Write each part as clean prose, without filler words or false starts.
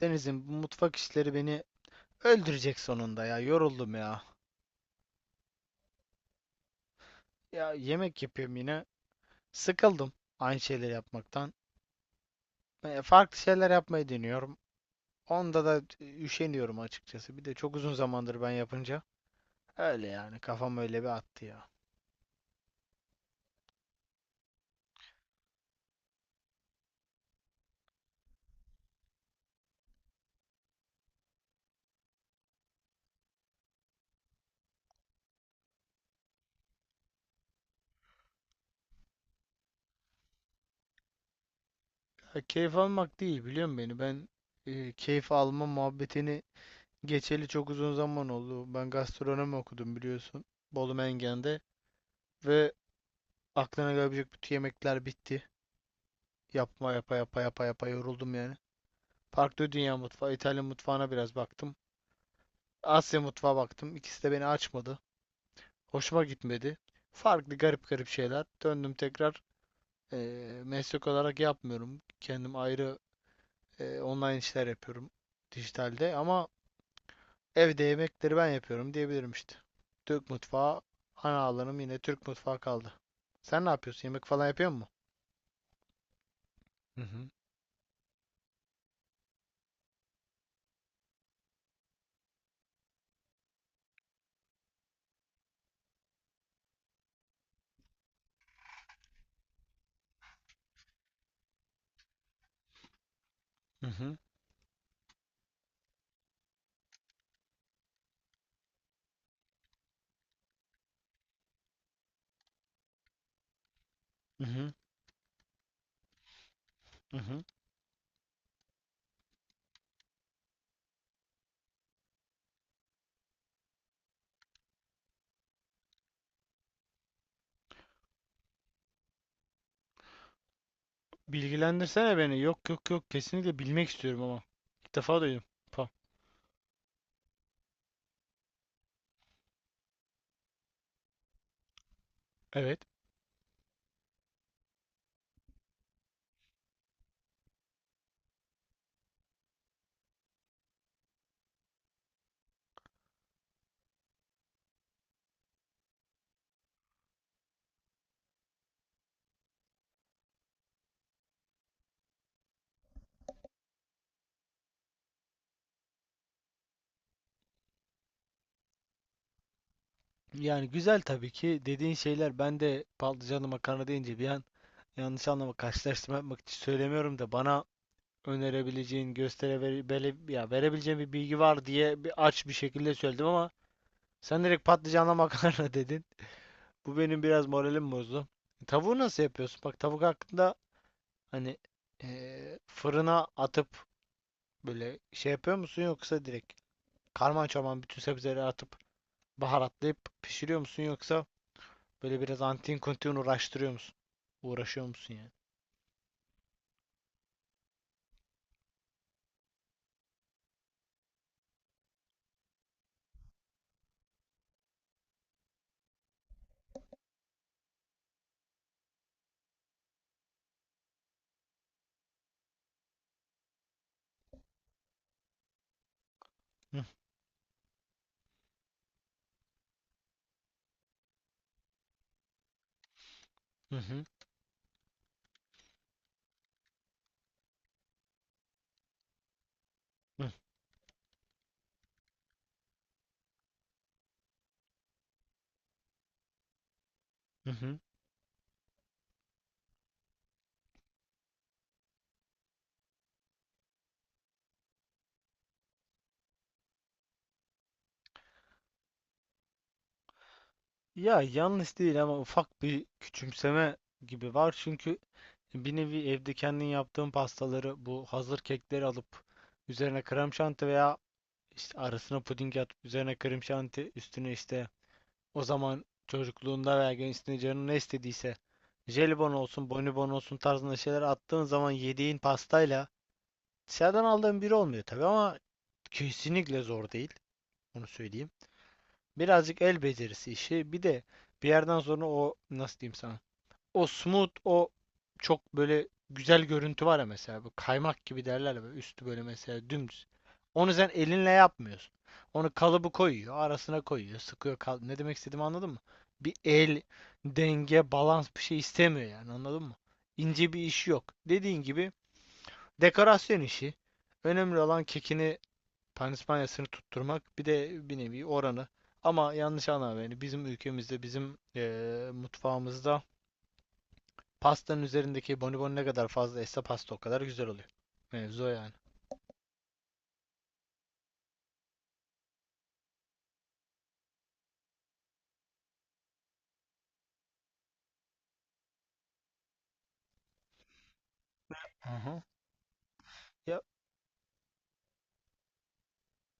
Deniz'im, bu mutfak işleri beni öldürecek sonunda ya. Yoruldum ya. Ya yemek yapıyorum yine. Sıkıldım aynı şeyleri yapmaktan. Farklı şeyler yapmayı deniyorum. Onda da üşeniyorum açıkçası. Bir de çok uzun zamandır ben yapınca. Öyle yani, kafam öyle bir attı ya. Ya keyif almak değil, biliyor musun beni? Ben keyif alma muhabbetini geçeli çok uzun zaman oldu. Ben gastronomi okudum, biliyorsun. Bolu Mengen'de. Ve aklına gelebilecek bütün yemekler bitti. Yapa yapa yapa yapa yoruldum yani. Farklı dünya mutfağı, İtalyan mutfağına biraz baktım. Asya mutfağı baktım. İkisi de beni açmadı. Hoşuma gitmedi. Farklı garip garip şeyler. Döndüm tekrar. Meslek olarak yapmıyorum. Kendim ayrı online işler yapıyorum, dijitalde, ama evde yemekleri ben yapıyorum diyebilirim işte. Türk mutfağı, ana alanım yine Türk mutfağı kaldı. Sen ne yapıyorsun? Yemek falan yapıyor musun? Hı hı. Hı hı. Hı hı. Hı hı. Bilgilendirsene beni. Yok, yok, yok, kesinlikle bilmek istiyorum ama. İlk defa duydum. Pa. Evet. Yani güzel tabii ki dediğin şeyler, ben de patlıcanlı makarna deyince bir an, yanlış anlama, karşılaştırma yapmak için söylemiyorum da, bana önerebileceğin, gösterebileceğin ya verebileceğin bir bilgi var diye bir aç bir şekilde söyledim ama sen direkt patlıcanlı makarna dedin. Bu benim biraz moralim bozdu. Tavuğu nasıl yapıyorsun? Bak, tavuk hakkında, hani, fırına atıp böyle şey yapıyor musun, yoksa direkt karman çorman bütün sebzeleri atıp baharatlayıp pişiriyor musun, yoksa böyle biraz antin kuntin uğraştırıyor musun? Uğraşıyor musun yani? Hı hı, hı hı, hı hı. Ya yanlış değil ama ufak bir küçümseme gibi var, çünkü bir nevi evde kendin yaptığın pastaları, bu hazır kekleri alıp üzerine krem şanti veya işte arasına puding atıp üzerine krem şanti, üstüne işte, o zaman çocukluğunda veya gençliğinde canın ne istediyse, jelibon olsun, bonibon olsun tarzında şeyler attığın zaman yediğin pastayla dışarıdan aldığın biri olmuyor tabii, ama kesinlikle zor değil. Onu söyleyeyim. Birazcık el becerisi işi. Bir de bir yerden sonra, o, nasıl diyeyim sana? O smooth, o çok böyle güzel görüntü var ya mesela. Bu kaymak gibi derler ya, böyle üstü böyle mesela dümdüz. Onu sen elinle yapmıyorsun. Onu kalıbı koyuyor, arasına koyuyor, sıkıyor. Ne demek istediğimi anladın mı? Bir el, denge, balans bir şey istemiyor yani, anladın mı? İnce bir iş yok. Dediğin gibi dekorasyon işi. Önemli olan kekini, panispanyasını tutturmak. Bir de bir nevi oranı. Ama yanlış anlama beni. Bizim ülkemizde, bizim mutfağımızda, pastanın üzerindeki bonibon ne kadar fazlaysa pasta o kadar güzel oluyor. Mevzu o yani. Hı hı. Ya,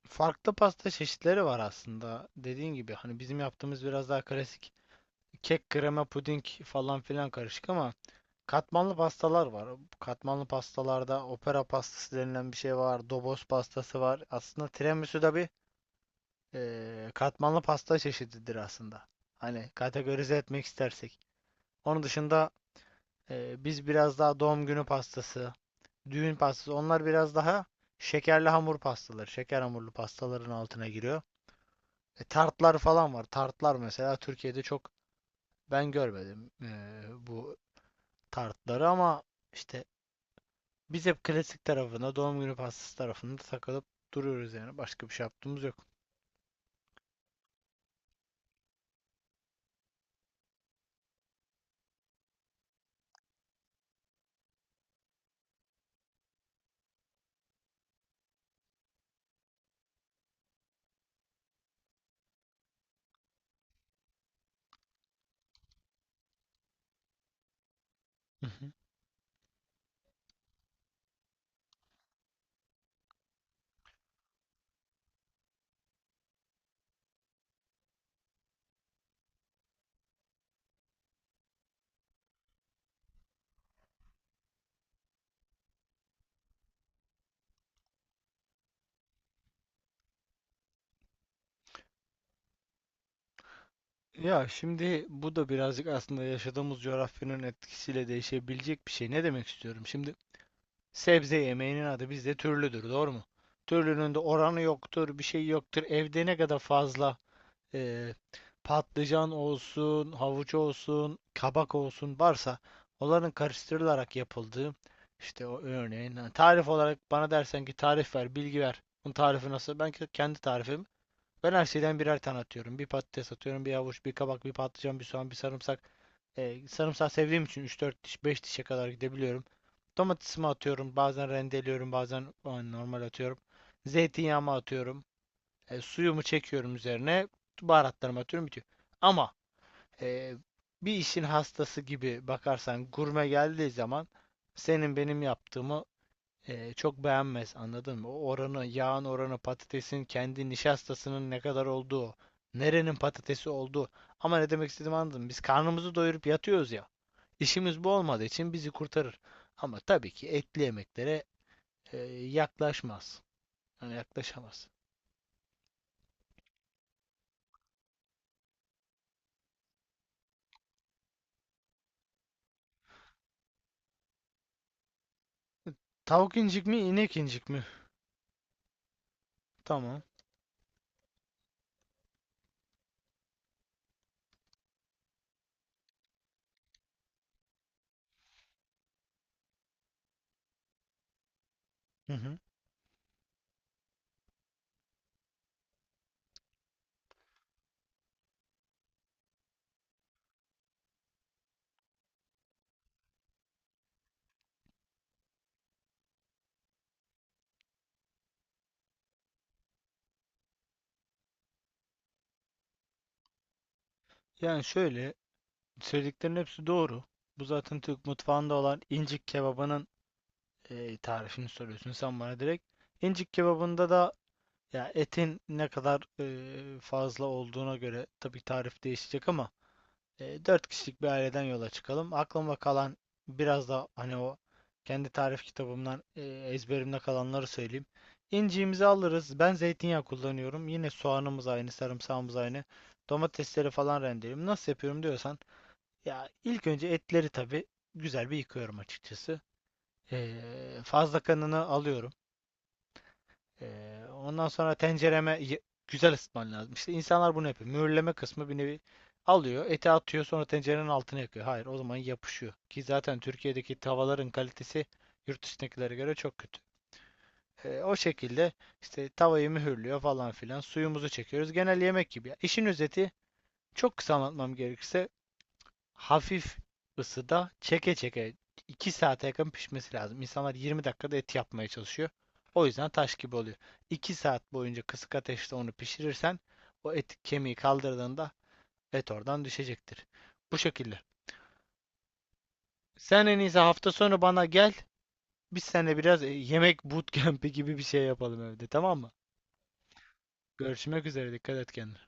farklı pasta çeşitleri var aslında. Dediğin gibi hani bizim yaptığımız biraz daha klasik. Kek, krema, puding falan filan karışık, ama katmanlı pastalar var. Katmanlı pastalarda opera pastası denilen bir şey var. Dobos pastası var. Aslında tiramisu da bir katmanlı pasta çeşididir aslında. Hani kategorize etmek istersek. Onun dışında biz biraz daha doğum günü pastası, düğün pastası. Onlar biraz daha şekerli hamur pastaları. Şeker hamurlu pastaların altına giriyor. E, tartlar falan var. Tartlar mesela Türkiye'de çok ben görmedim bu tartları, ama işte biz hep klasik tarafına, doğum günü pastası tarafında takılıp duruyoruz yani. Başka bir şey yaptığımız yok. Hı hı. Ya şimdi bu da birazcık aslında yaşadığımız coğrafyanın etkisiyle değişebilecek bir şey. Ne demek istiyorum? Şimdi, sebze yemeğinin adı bizde türlüdür, doğru mu? Türlünün de oranı yoktur, bir şey yoktur. Evde ne kadar fazla e, patlıcan olsun, havuç olsun, kabak olsun varsa onların karıştırılarak yapıldığı işte o, örneğin, ha, tarif olarak bana dersen ki tarif ver, bilgi ver. Bunun tarifi nasıl? Ben kendi tarifim. Ben her şeyden birer tane atıyorum. Bir patates atıyorum, bir havuç, bir kabak, bir patlıcan, bir soğan, bir sarımsak. Sarımsak sevdiğim için üç dört diş, 5 dişe kadar gidebiliyorum. Domatesimi atıyorum. Bazen rendeliyorum, bazen yani normal atıyorum. Zeytinyağımı atıyorum. Suyumu çekiyorum üzerine. Baharatlarımı atıyorum, bitiyor. Ama e, bir işin hastası gibi bakarsan, gurme geldiği zaman senin benim yaptığımı çok beğenmez, anladın mı? O oranı, yağın oranı, patatesin kendi nişastasının ne kadar olduğu, nerenin patatesi olduğu. Ama ne demek istediğimi anladın mı? Biz karnımızı doyurup yatıyoruz ya. İşimiz bu olmadığı için bizi kurtarır. Ama tabii ki etli yemeklere e, yaklaşmaz. Yani yaklaşamaz. Tavuk incik mi, inek incik mi? Tamam. Hı hı. Yani şöyle, söylediklerin hepsi doğru. Bu zaten Türk mutfağında olan incik kebabının tarifini soruyorsun sen bana direkt. İncik kebabında da ya etin ne kadar fazla olduğuna göre tabii tarif değişecek, ama 4 kişilik bir aileden yola çıkalım. Aklıma kalan, biraz da hani o kendi tarif kitabımdan ezberimde kalanları söyleyeyim. İnciğimizi alırız. Ben zeytinyağı kullanıyorum. Yine soğanımız aynı, sarımsağımız aynı. Domatesleri falan rendeliyorum. Nasıl yapıyorum diyorsan, ya ilk önce etleri tabii güzel bir yıkıyorum açıkçası. E, Fazla kanını alıyorum. Ondan sonra tencereme güzel ısıtman lazım. İşte insanlar bunu yapıyor. Mühürleme kısmı bir nevi, alıyor, eti atıyor, sonra tencerenin altına yakıyor. Hayır, o zaman yapışıyor. Ki zaten Türkiye'deki tavaların kalitesi yurt dışındakilere göre çok kötü. O şekilde işte tavayı mühürlüyor falan filan. Suyumuzu çekiyoruz. Genel yemek gibi, ya. İşin özeti, çok kısa anlatmam gerekirse, hafif ısıda çeke çeke 2 saate yakın pişmesi lazım. İnsanlar 20 dakikada et yapmaya çalışıyor. O yüzden taş gibi oluyor. 2 saat boyunca kısık ateşte onu pişirirsen, o et kemiği kaldırdığında et oradan düşecektir. Bu şekilde. Sen en iyisi hafta sonu bana gel. Biz seninle biraz yemek bootcamp'i gibi bir şey yapalım evde, tamam mı? Görüşmek üzere. Dikkat et kendine.